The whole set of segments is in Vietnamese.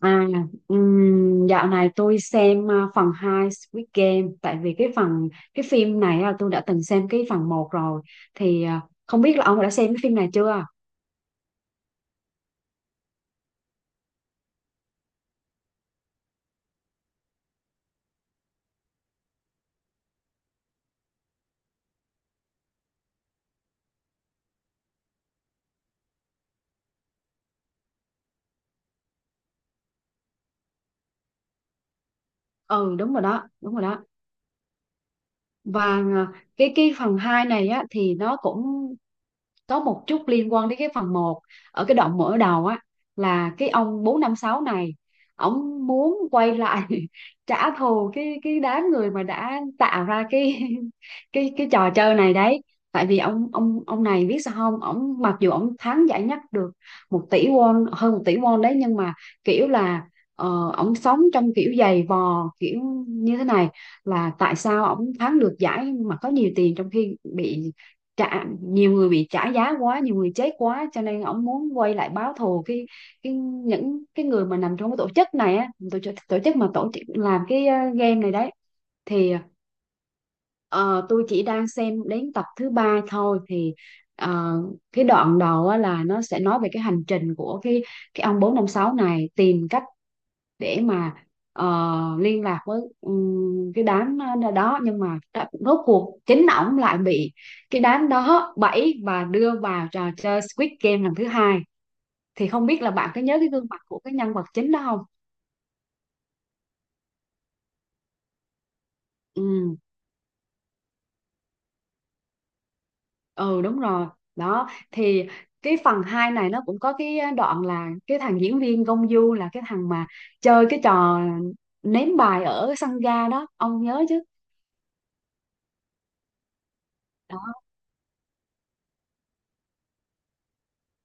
À, dạo này tôi xem phần 2 Squid Game, tại vì cái phim này là tôi đã từng xem cái phần một rồi, thì không biết là ông đã xem cái phim này chưa? Ừ, đúng rồi đó, đúng rồi đó. Và cái phần 2 này á, thì nó cũng có một chút liên quan đến cái phần một ở cái đoạn mở đầu á, là cái ông 456 này ổng muốn quay lại trả thù cái đám người mà đã tạo ra cái cái trò chơi này đấy. Tại vì ông này, biết sao không, ổng mặc dù ổng thắng giải nhất được một tỷ won, hơn một tỷ won đấy, nhưng mà kiểu là ổng sống trong kiểu giày vò kiểu như thế này, là tại sao ổng thắng được giải mà có nhiều tiền, trong khi bị trả nhiều người bị trả giá quá, nhiều người chết quá, cho nên ông muốn quay lại báo thù cái những cái người mà nằm trong cái tổ chức này á, tổ chức làm cái game này đấy. Thì ờ, tôi chỉ đang xem đến tập thứ ba thôi, thì ờ, cái đoạn đầu á, là nó sẽ nói về cái hành trình của cái ông 456 này tìm cách để mà ờ, liên lạc với cái đám đó, nhưng mà rốt cuộc chính ổng lại bị cái đám đó bẫy và đưa vào trò chơi Squid Game lần thứ hai. Thì không biết là bạn có nhớ cái gương mặt của cái nhân vật chính đó không? Ừ, ừ đúng rồi đó. Thì cái phần 2 này nó cũng có cái đoạn là cái thằng diễn viên Gong Yoo, là cái thằng mà chơi cái trò ném bài ở sân ga đó, ông nhớ chứ?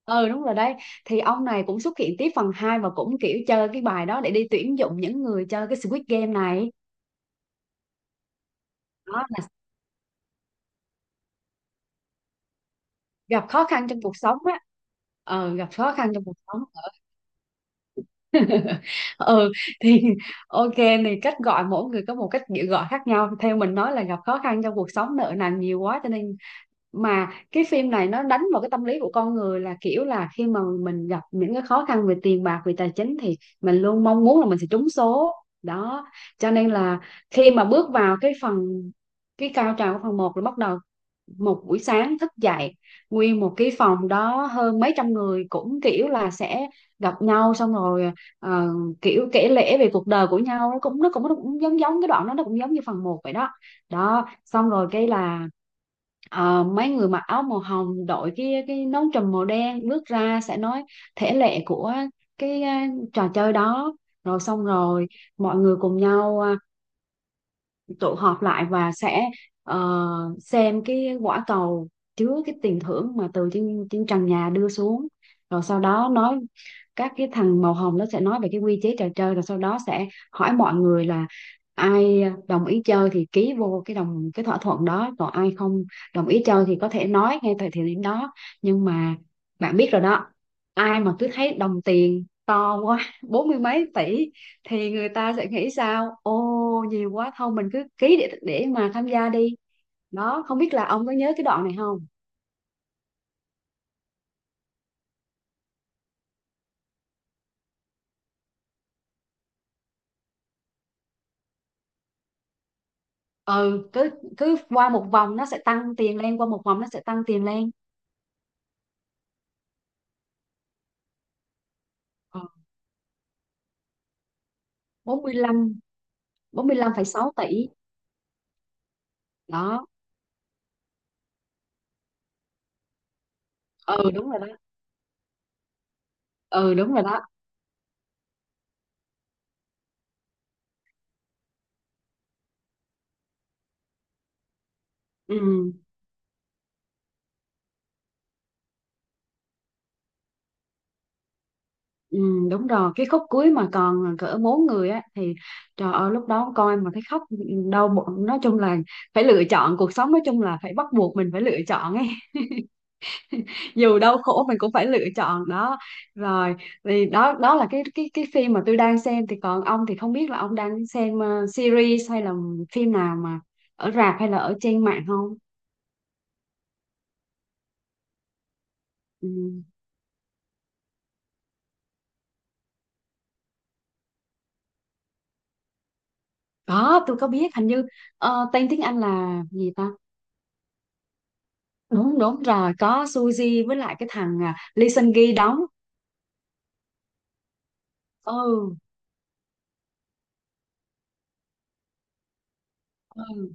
Ừ, đúng rồi đấy, thì ông này cũng xuất hiện tiếp phần 2 và cũng kiểu chơi cái bài đó để đi tuyển dụng những người chơi cái Squid Game này. Đó là gặp khó khăn trong cuộc sống á, ờ gặp khó khăn trong cuộc sống. Ừ, thì ok, thì cách gọi mỗi người có một cách gọi khác nhau, theo mình nói là gặp khó khăn trong cuộc sống, nợ nần nhiều quá cho nên. Mà cái phim này nó đánh vào cái tâm lý của con người, là kiểu là khi mà mình gặp những cái khó khăn về tiền bạc, về tài chính, thì mình luôn mong muốn là mình sẽ trúng số. Đó, cho nên là khi mà bước vào cái phần, cái cao trào của phần một, là bắt đầu một buổi sáng thức dậy, nguyên một cái phòng đó hơn mấy trăm người cũng kiểu là sẽ gặp nhau, xong rồi ờ, kiểu kể lể về cuộc đời của nhau, nó cũng nó cũng giống, giống cái đoạn đó, nó cũng giống như phần một vậy đó. Đó, xong rồi cái là mấy người mặc áo màu hồng, đội cái nón trùm màu đen bước ra, sẽ nói thể lệ của cái trò chơi đó. Rồi xong rồi mọi người cùng nhau tụ họp lại, và sẽ ờ, xem cái quả cầu chứa cái tiền thưởng mà từ trên trên trần nhà đưa xuống. Rồi sau đó nói, các cái thằng màu hồng nó sẽ nói về cái quy chế trò chơi, rồi sau đó sẽ hỏi mọi người là ai đồng ý chơi thì ký vô cái đồng, cái thỏa thuận đó, còn ai không đồng ý chơi thì có thể nói ngay tại thời điểm đó. Nhưng mà bạn biết rồi đó, ai mà cứ thấy đồng tiền to quá, bốn mươi mấy tỷ, thì người ta sẽ nghĩ sao, ô nhiều quá, thôi mình cứ ký để mà tham gia đi. Đó, không biết là ông có nhớ cái đoạn này không? Ừ, cứ, cứ qua một vòng nó sẽ tăng tiền lên, qua một vòng nó sẽ tăng tiền lên. ừ, 45, 45,6 tỷ đó. Ừ đúng rồi đó. Ừ đúng rồi đó. ừ, ừ đúng rồi, cái khúc cuối mà còn cỡ bốn người á, thì trời ơi lúc đó coi mà thấy khóc, đau bụng. Nói chung là phải lựa chọn cuộc sống, nói chung là phải bắt buộc mình phải lựa chọn ấy, dù đau khổ mình cũng phải lựa chọn đó. Rồi thì đó, đó là cái phim mà tôi đang xem. Thì còn ông thì không biết là ông đang xem series hay là phim nào mà ở rạp hay là ở trên mạng không? Ừ. Có, tôi có biết, hình như tên tiếng Anh là gì ta? Đúng đúng rồi, có Suzy với lại cái thằng Lee Seung Gi đóng. Ừ. Ừ.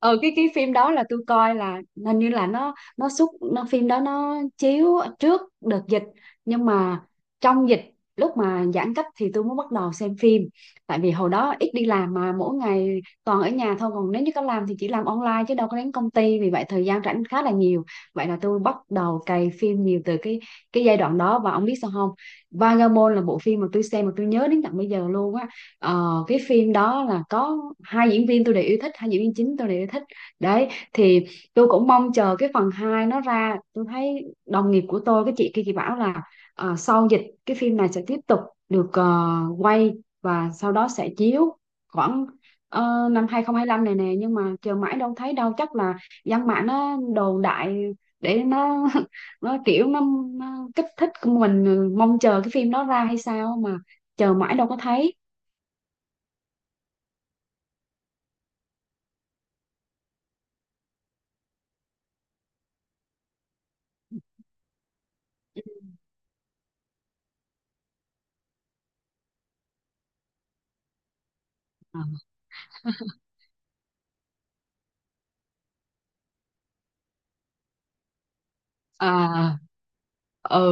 Ừ, cái phim đó là tôi coi là, hình như là nó xuất nó phim đó nó chiếu trước đợt dịch, nhưng mà trong dịch, lúc mà giãn cách thì tôi mới bắt đầu xem phim, tại vì hồi đó ít đi làm mà mỗi ngày toàn ở nhà thôi, còn nếu như có làm thì chỉ làm online chứ đâu có đến công ty, vì vậy thời gian rảnh khá là nhiều. Vậy là tôi bắt đầu cày phim nhiều từ cái giai đoạn đó, và ông biết sao không, Vagabond là bộ phim mà tôi xem mà tôi nhớ đến tận bây giờ luôn á. Ờ, cái phim đó là có hai diễn viên tôi đều yêu thích, hai diễn viên chính tôi đều yêu thích đấy. Thì tôi cũng mong chờ cái phần 2 nó ra, tôi thấy đồng nghiệp của tôi, cái chị kia, chị bảo là sau dịch cái phim này sẽ tiếp tục được quay, và sau đó sẽ chiếu khoảng năm hai không hai lăm này nè, nhưng mà chờ mãi đâu thấy đâu. Chắc là dân mạng nó đồn đại để nó nó kiểu nó kích thích mình mong chờ cái phim đó ra hay sao mà chờ mãi đâu có thấy. Ờ. À, ừ,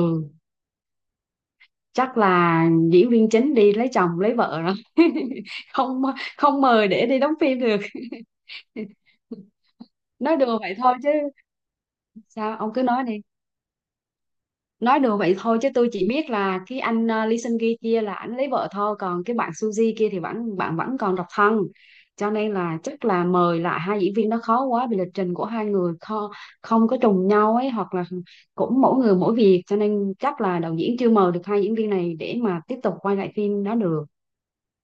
chắc là diễn viên chính đi lấy chồng lấy vợ rồi, không không mời để đi đóng phim được. Nói đùa vậy thôi chứ, sao ông cứ nói đi. Nói đùa vậy thôi chứ, tôi chỉ biết là cái anh Lee Seung Gi kia là anh lấy vợ thôi, còn cái bạn Suzy kia thì vẫn, bạn vẫn còn độc thân, cho nên là chắc là mời lại hai diễn viên đó khó quá, vì lịch trình của hai người không, không có trùng nhau ấy, hoặc là cũng mỗi người mỗi việc, cho nên chắc là đạo diễn chưa mời được hai diễn viên này để mà tiếp tục quay lại phim đó được,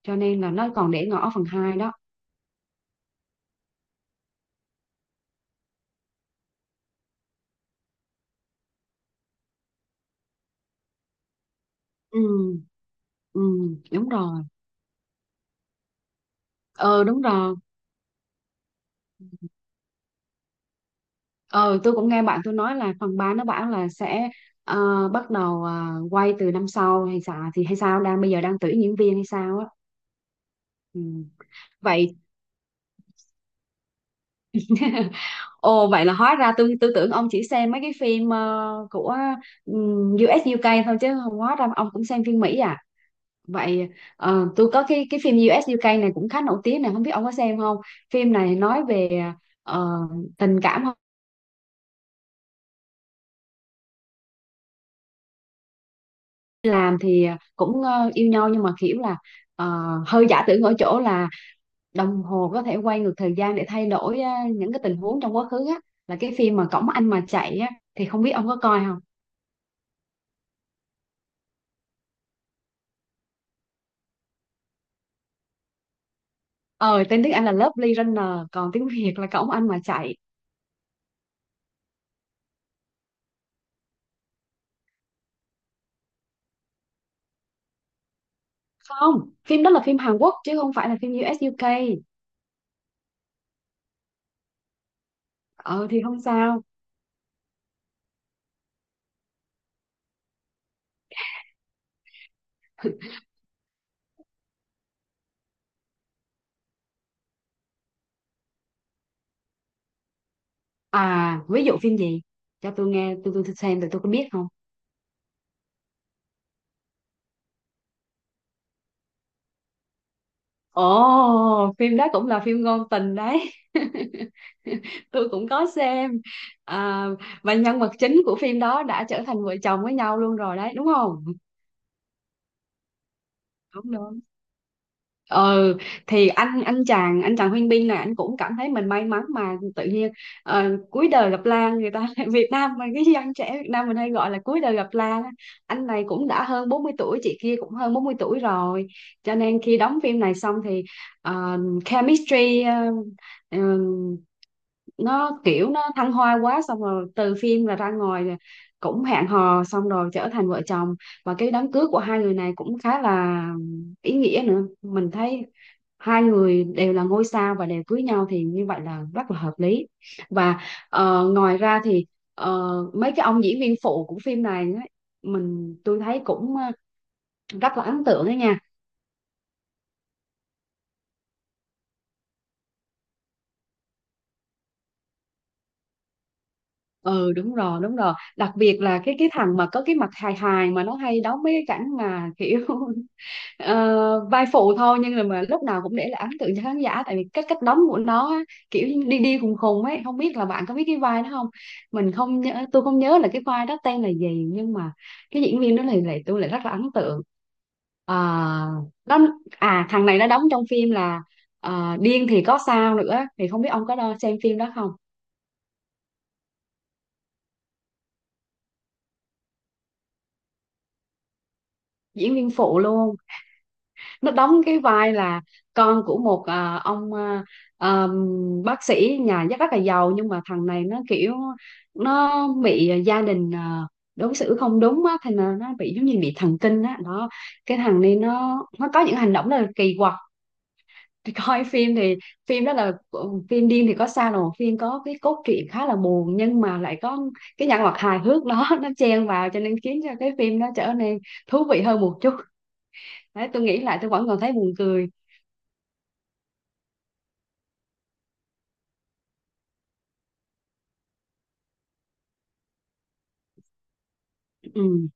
cho nên là nó còn để ngỏ phần hai đó. Ừ. Ừ đúng rồi. Ờ đúng rồi. Ờ, tôi cũng nghe bạn tôi nói là phần 3 nó bảo là sẽ bắt đầu quay từ năm sau hay sao, thì hay sao, đang bây giờ đang tuyển diễn viên hay sao á. Ừ. Vậy, ồ vậy là hóa ra tôi tưởng ông chỉ xem mấy cái phim của um, u UK thôi, chứ không hóa ra ông cũng xem phim Mỹ à. Vậy tôi có cái phim U.S. u UK này cũng khá nổi tiếng này, không biết ông có xem không? Phim này nói về ờ, tình cảm làm thì cũng yêu nhau, nhưng mà kiểu là ờ, hơi giả tưởng ở chỗ là đồng hồ có thể quay ngược thời gian để thay đổi á, những cái tình huống trong quá khứ á, là cái phim mà Cổng Anh mà chạy á, thì không biết ông có coi không? Ờ, tên tiếng Anh là Lovely Runner, còn tiếng Việt là Cổng Anh mà chạy. Không, phim đó là phim Hàn Quốc chứ không phải là phim u ét u UK. Ờ thì không sao. À ví dụ phim gì, cho tôi nghe, tôi xem rồi tôi có biết không. Ồ, phim đó cũng là phim ngôn tình đấy, tôi cũng có xem. à, và nhân vật chính của phim đó đã trở thành vợ chồng với nhau luôn rồi đấy, đúng không? Đúng, đúng. Ừ, thì anh chàng Huyên Bin này, anh cũng cảm thấy mình may mắn mà tự nhiên cuối đời gặp Lan người ta. Việt Nam mà, cái dân trẻ Việt Nam mình hay gọi là cuối đời gặp Lan á. Anh này cũng đã hơn 40 tuổi, chị kia cũng hơn 40 tuổi rồi, cho nên khi đóng phim này xong thì ờ, chemistry ờ, nó kiểu nó thăng hoa quá, xong rồi từ phim là ra ngoài cũng hẹn hò, xong rồi trở thành vợ chồng. Và cái đám cưới của hai người này cũng khá là ý nghĩa nữa, mình thấy hai người đều là ngôi sao và đều cưới nhau thì như vậy là rất là hợp lý. Và ngoài ra thì mấy cái ông diễn viên phụ của phim này á, tôi thấy cũng rất là ấn tượng đó nha. Ừ đúng rồi, đúng rồi, đặc biệt là cái thằng mà có cái mặt hài hài, mà nó hay đóng mấy cái cảnh mà kiểu ờ, vai phụ thôi nhưng là mà lúc nào cũng để lại ấn tượng cho khán giả, tại vì cái cách đóng của nó á, kiểu như đi đi khùng khùng ấy, không biết là bạn có biết cái vai đó không. Mình không nhớ Tôi không nhớ là cái vai đó tên là gì, nhưng mà cái diễn viên đó lại lại tôi lại rất là ấn tượng. À, nó À, thằng này nó đóng trong phim là Điên thì có sao nữa, thì không biết ông có xem phim đó không. Diễn viên phụ luôn. Nó đóng cái vai là con của một ông à, bác sĩ nhà rất rất là giàu, nhưng mà thằng này nó kiểu nó bị gia đình đối xử không đúng á, thành là nó bị giống như bị thần kinh á đó. Cái thằng này nó có những hành động rất là kỳ quặc. Thì coi phim, thì phim đó là phim Điên thì có sao đâu, phim có cái cốt truyện khá là buồn, nhưng mà lại có cái nhân vật hài hước đó nó chen vào cho nên khiến cho cái phim nó trở nên thú vị hơn một chút. Đấy, tôi nghĩ lại tôi vẫn còn thấy buồn cười. Ừ.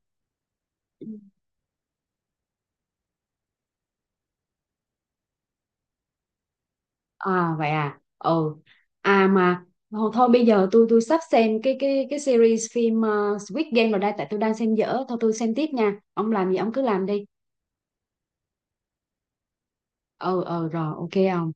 À vậy à. Ừ. À mà thôi, thôi bây giờ tôi sắp xem cái series phim Squid Game rồi đây, tại tôi đang xem dở thôi, tôi xem tiếp nha. Ông làm gì ông cứ làm đi. Ừ ừ, rồi ok ông.